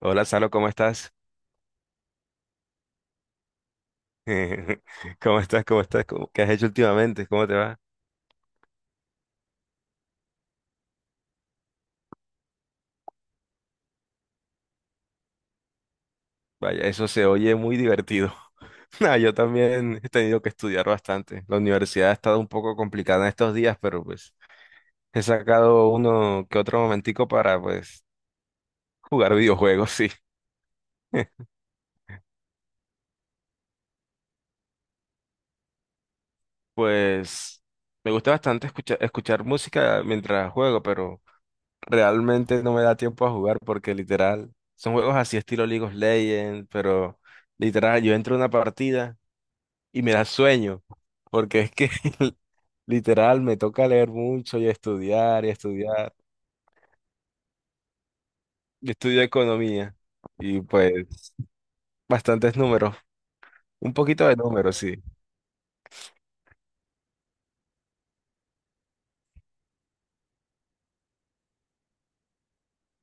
Hola, Salo, ¿cómo estás? ¿Cómo estás? ¿Cómo estás? ¿Qué has hecho últimamente? ¿Cómo te va? Vaya, eso se oye muy divertido. Nah, yo también he tenido que estudiar bastante. La universidad ha estado un poco complicada en estos días, pero pues he sacado uno que otro momentico para pues jugar videojuegos, sí. Pues me gusta bastante escuchar música mientras juego, pero realmente no me da tiempo a jugar porque literal son juegos así estilo League of Legends, pero literal yo entro a una partida y me da sueño, porque es que literal me toca leer mucho y estudiar y estudiar. Yo estudio economía y pues bastantes números, un poquito de números, sí.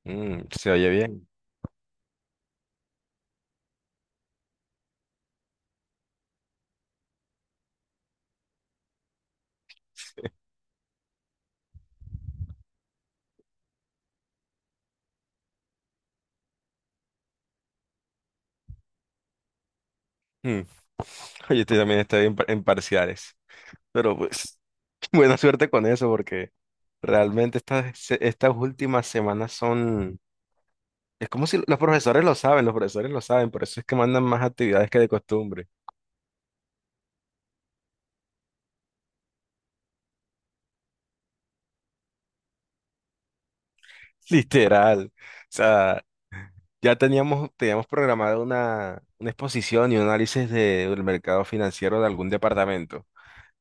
Mm, se oye bien. Mm. Oye, estoy también estoy en, par- en parciales, pero pues buena suerte con eso porque realmente estas últimas semanas son... Es como si los profesores lo saben, los profesores lo saben, por eso es que mandan más actividades que de costumbre. Literal. O sea, ya teníamos programado una exposición y un análisis del mercado financiero de algún departamento.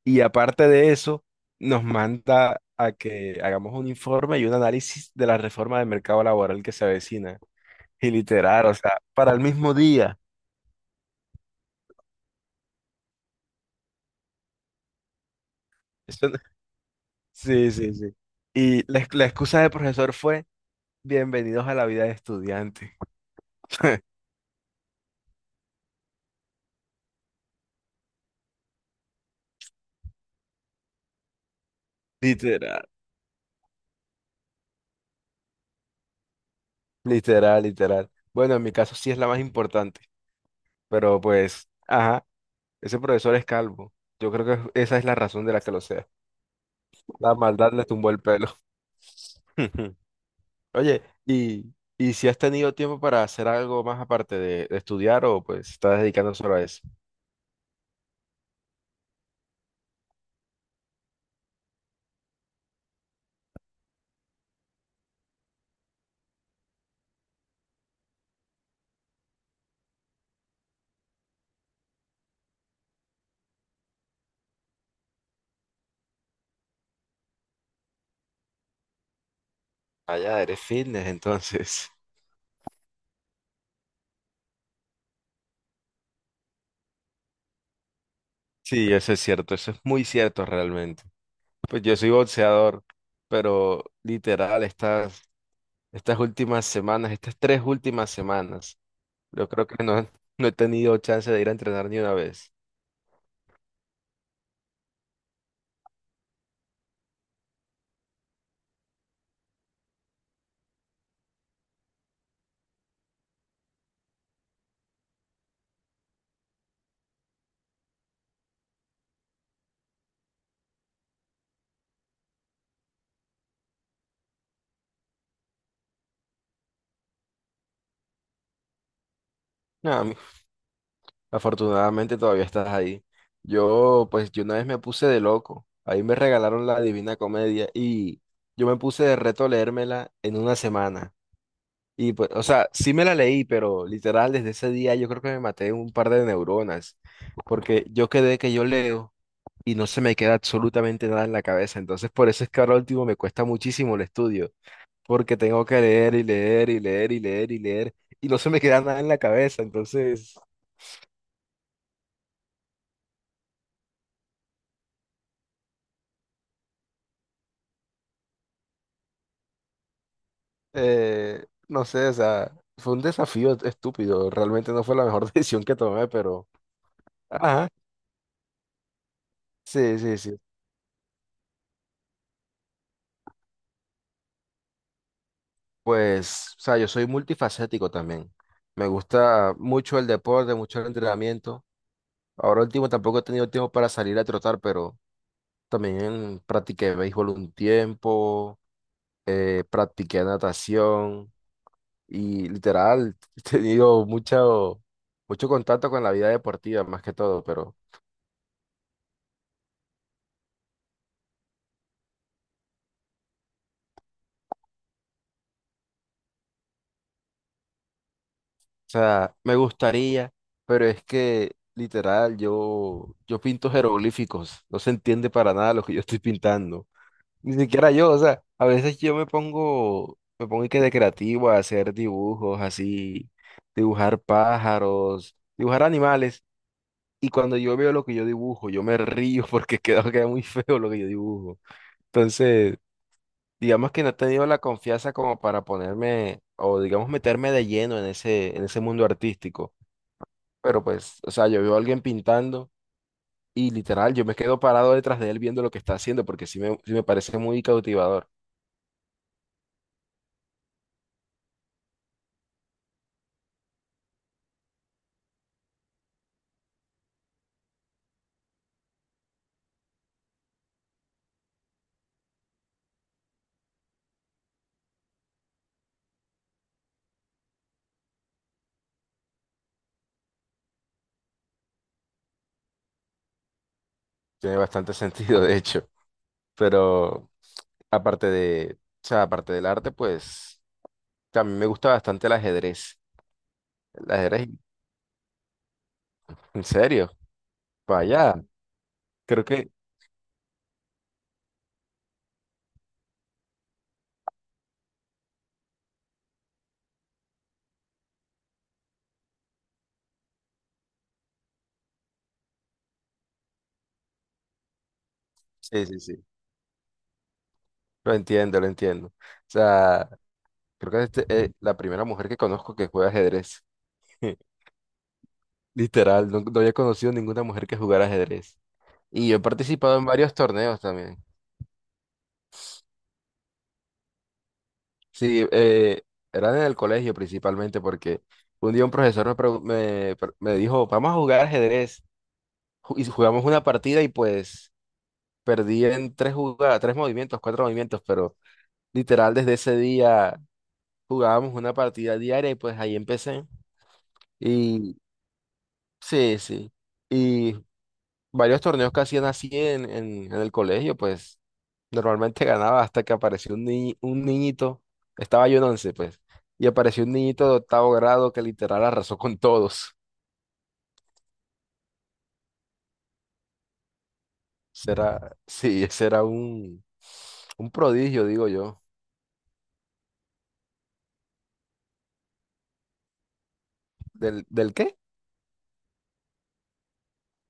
Y aparte de eso, nos manda a que hagamos un informe y un análisis de la reforma del mercado laboral que se avecina. Y literal, o sea, para el mismo día. Eso no- sí, sí, sí. Y la excusa del profesor fue: bienvenidos a la vida de estudiante. Literal, literal, literal. Bueno, en mi caso sí es la más importante, pero pues... Ajá. Ese profesor es calvo. Yo creo que esa es la razón de la que lo sea. La maldad le tumbó el pelo. Oye, ¿y si has tenido tiempo para hacer algo más aparte de estudiar o pues estás dedicando solo a eso? Allá eres fitness, entonces. Sí, eso es cierto, eso es muy cierto realmente. Pues yo soy boxeador, pero literal, estas últimas semanas, estas tres últimas semanas, yo creo que no, no he tenido chance de ir a entrenar ni una vez. No, a Afortunadamente todavía estás ahí. Yo, pues, yo una vez me puse de loco. Ahí me regalaron la Divina Comedia y yo me puse de reto leérmela en una semana. Y pues, o sea, sí me la leí, pero literal desde ese día yo creo que me maté un par de neuronas, porque yo quedé que yo leo y no se me queda absolutamente nada en la cabeza. Entonces, por eso es que ahora último me cuesta muchísimo el estudio, porque tengo que leer y leer y leer y leer y leer y no se me queda nada en la cabeza. Entonces... no sé, o sea, fue un desafío estúpido. Realmente no fue la mejor decisión que tomé, pero ajá, sí, sí, sí. Pues, o sea, yo soy multifacético también. Me gusta mucho el deporte, mucho el entrenamiento. Ahora último tampoco he tenido tiempo para salir a trotar, pero también practiqué béisbol un tiempo, practiqué natación y literal he tenido mucho, mucho contacto con la vida deportiva más que todo, pero... sea, me gustaría, pero es que literal, yo pinto jeroglíficos, no se entiende para nada lo que yo estoy pintando. Ni siquiera yo, o sea, a veces yo me pongo y que de creativo a hacer dibujos así, dibujar pájaros, dibujar animales, y cuando yo veo lo que yo dibujo, yo me río porque queda muy feo lo que yo dibujo. Entonces, digamos que no he tenido la confianza como para ponerme, o digamos meterme de lleno en en ese mundo artístico. Pero pues, o sea, yo veo a alguien pintando y literal, yo me quedo parado detrás de él viendo lo que está haciendo porque sí me parece muy cautivador. Tiene bastante sentido, de hecho. Pero aparte de, o sea, aparte del arte, pues a mí me gusta bastante el ajedrez. El ajedrez, en serio, vaya, creo que sí, sí, sí. Lo entiendo, lo entiendo. O sea, creo que este es la primera mujer que conozco que juega ajedrez. Literal, no, no había conocido ninguna mujer que jugara ajedrez. Y yo he participado en varios torneos también. Sí, era en el colegio principalmente porque un día un profesor me, pregu- me, pre- me dijo: vamos a jugar ajedrez. Y jugamos una partida y pues perdí en tres jugadas, tres movimientos, cuatro movimientos, pero literal desde ese día jugábamos una partida diaria y pues ahí empecé. Y sí, sí. Y varios torneos que hacían así en el colegio, pues normalmente ganaba hasta que apareció un niñito, estaba yo en once, pues, y apareció un niñito de octavo grado que literal arrasó con todos. Será, sí, ese era un prodigio, digo yo. ¿Del qué?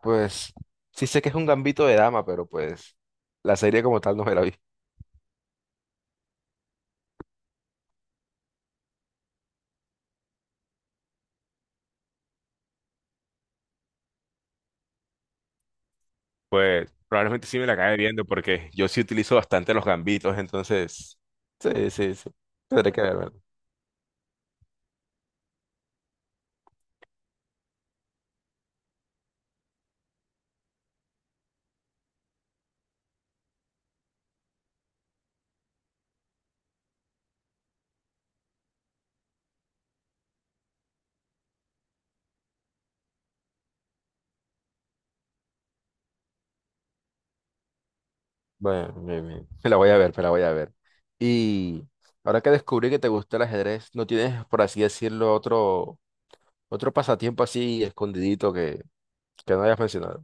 Pues sí sé que es un gambito de dama, pero pues la serie como tal no me la vi. Pues probablemente sí me la acabe viendo porque yo sí utilizo bastante los gambitos, entonces sí, sí, sí. Tendré que ver. Bueno, bien, bien. Me la voy a ver, me la voy a ver. Y ahora que descubrí que te gusta el ajedrez, ¿no tienes, por así decirlo, otro pasatiempo así escondidito que no hayas mencionado?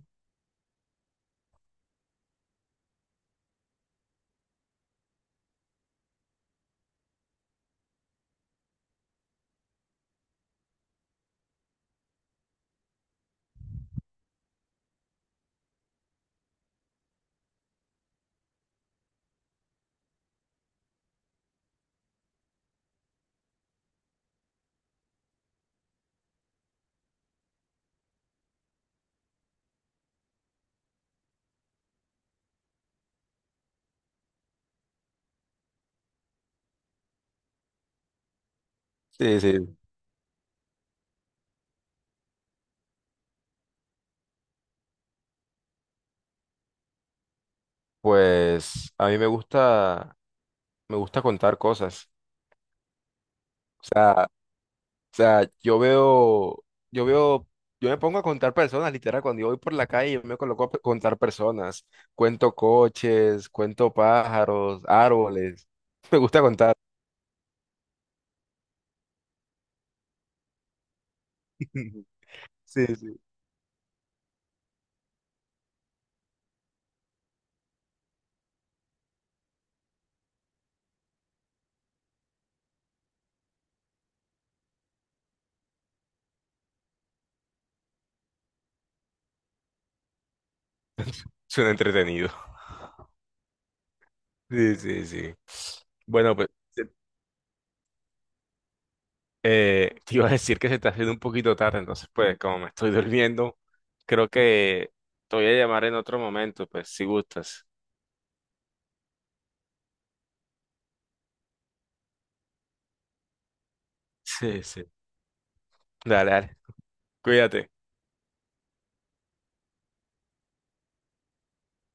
Sí, sí. Pues a mí me gusta contar cosas. O sea, yo veo, yo me pongo a contar personas, literal, cuando yo voy por la calle, yo me coloco a contar personas. Cuento coches, cuento pájaros, árboles. Me gusta contar. Sí, sí. Suena entretenido. Sí, sí, sí. Bueno, pues se- te iba a decir que se está haciendo un poquito tarde, entonces pues como me estoy durmiendo, creo que te voy a llamar en otro momento, pues si gustas. Sí, sí. Dale, dale. Cuídate.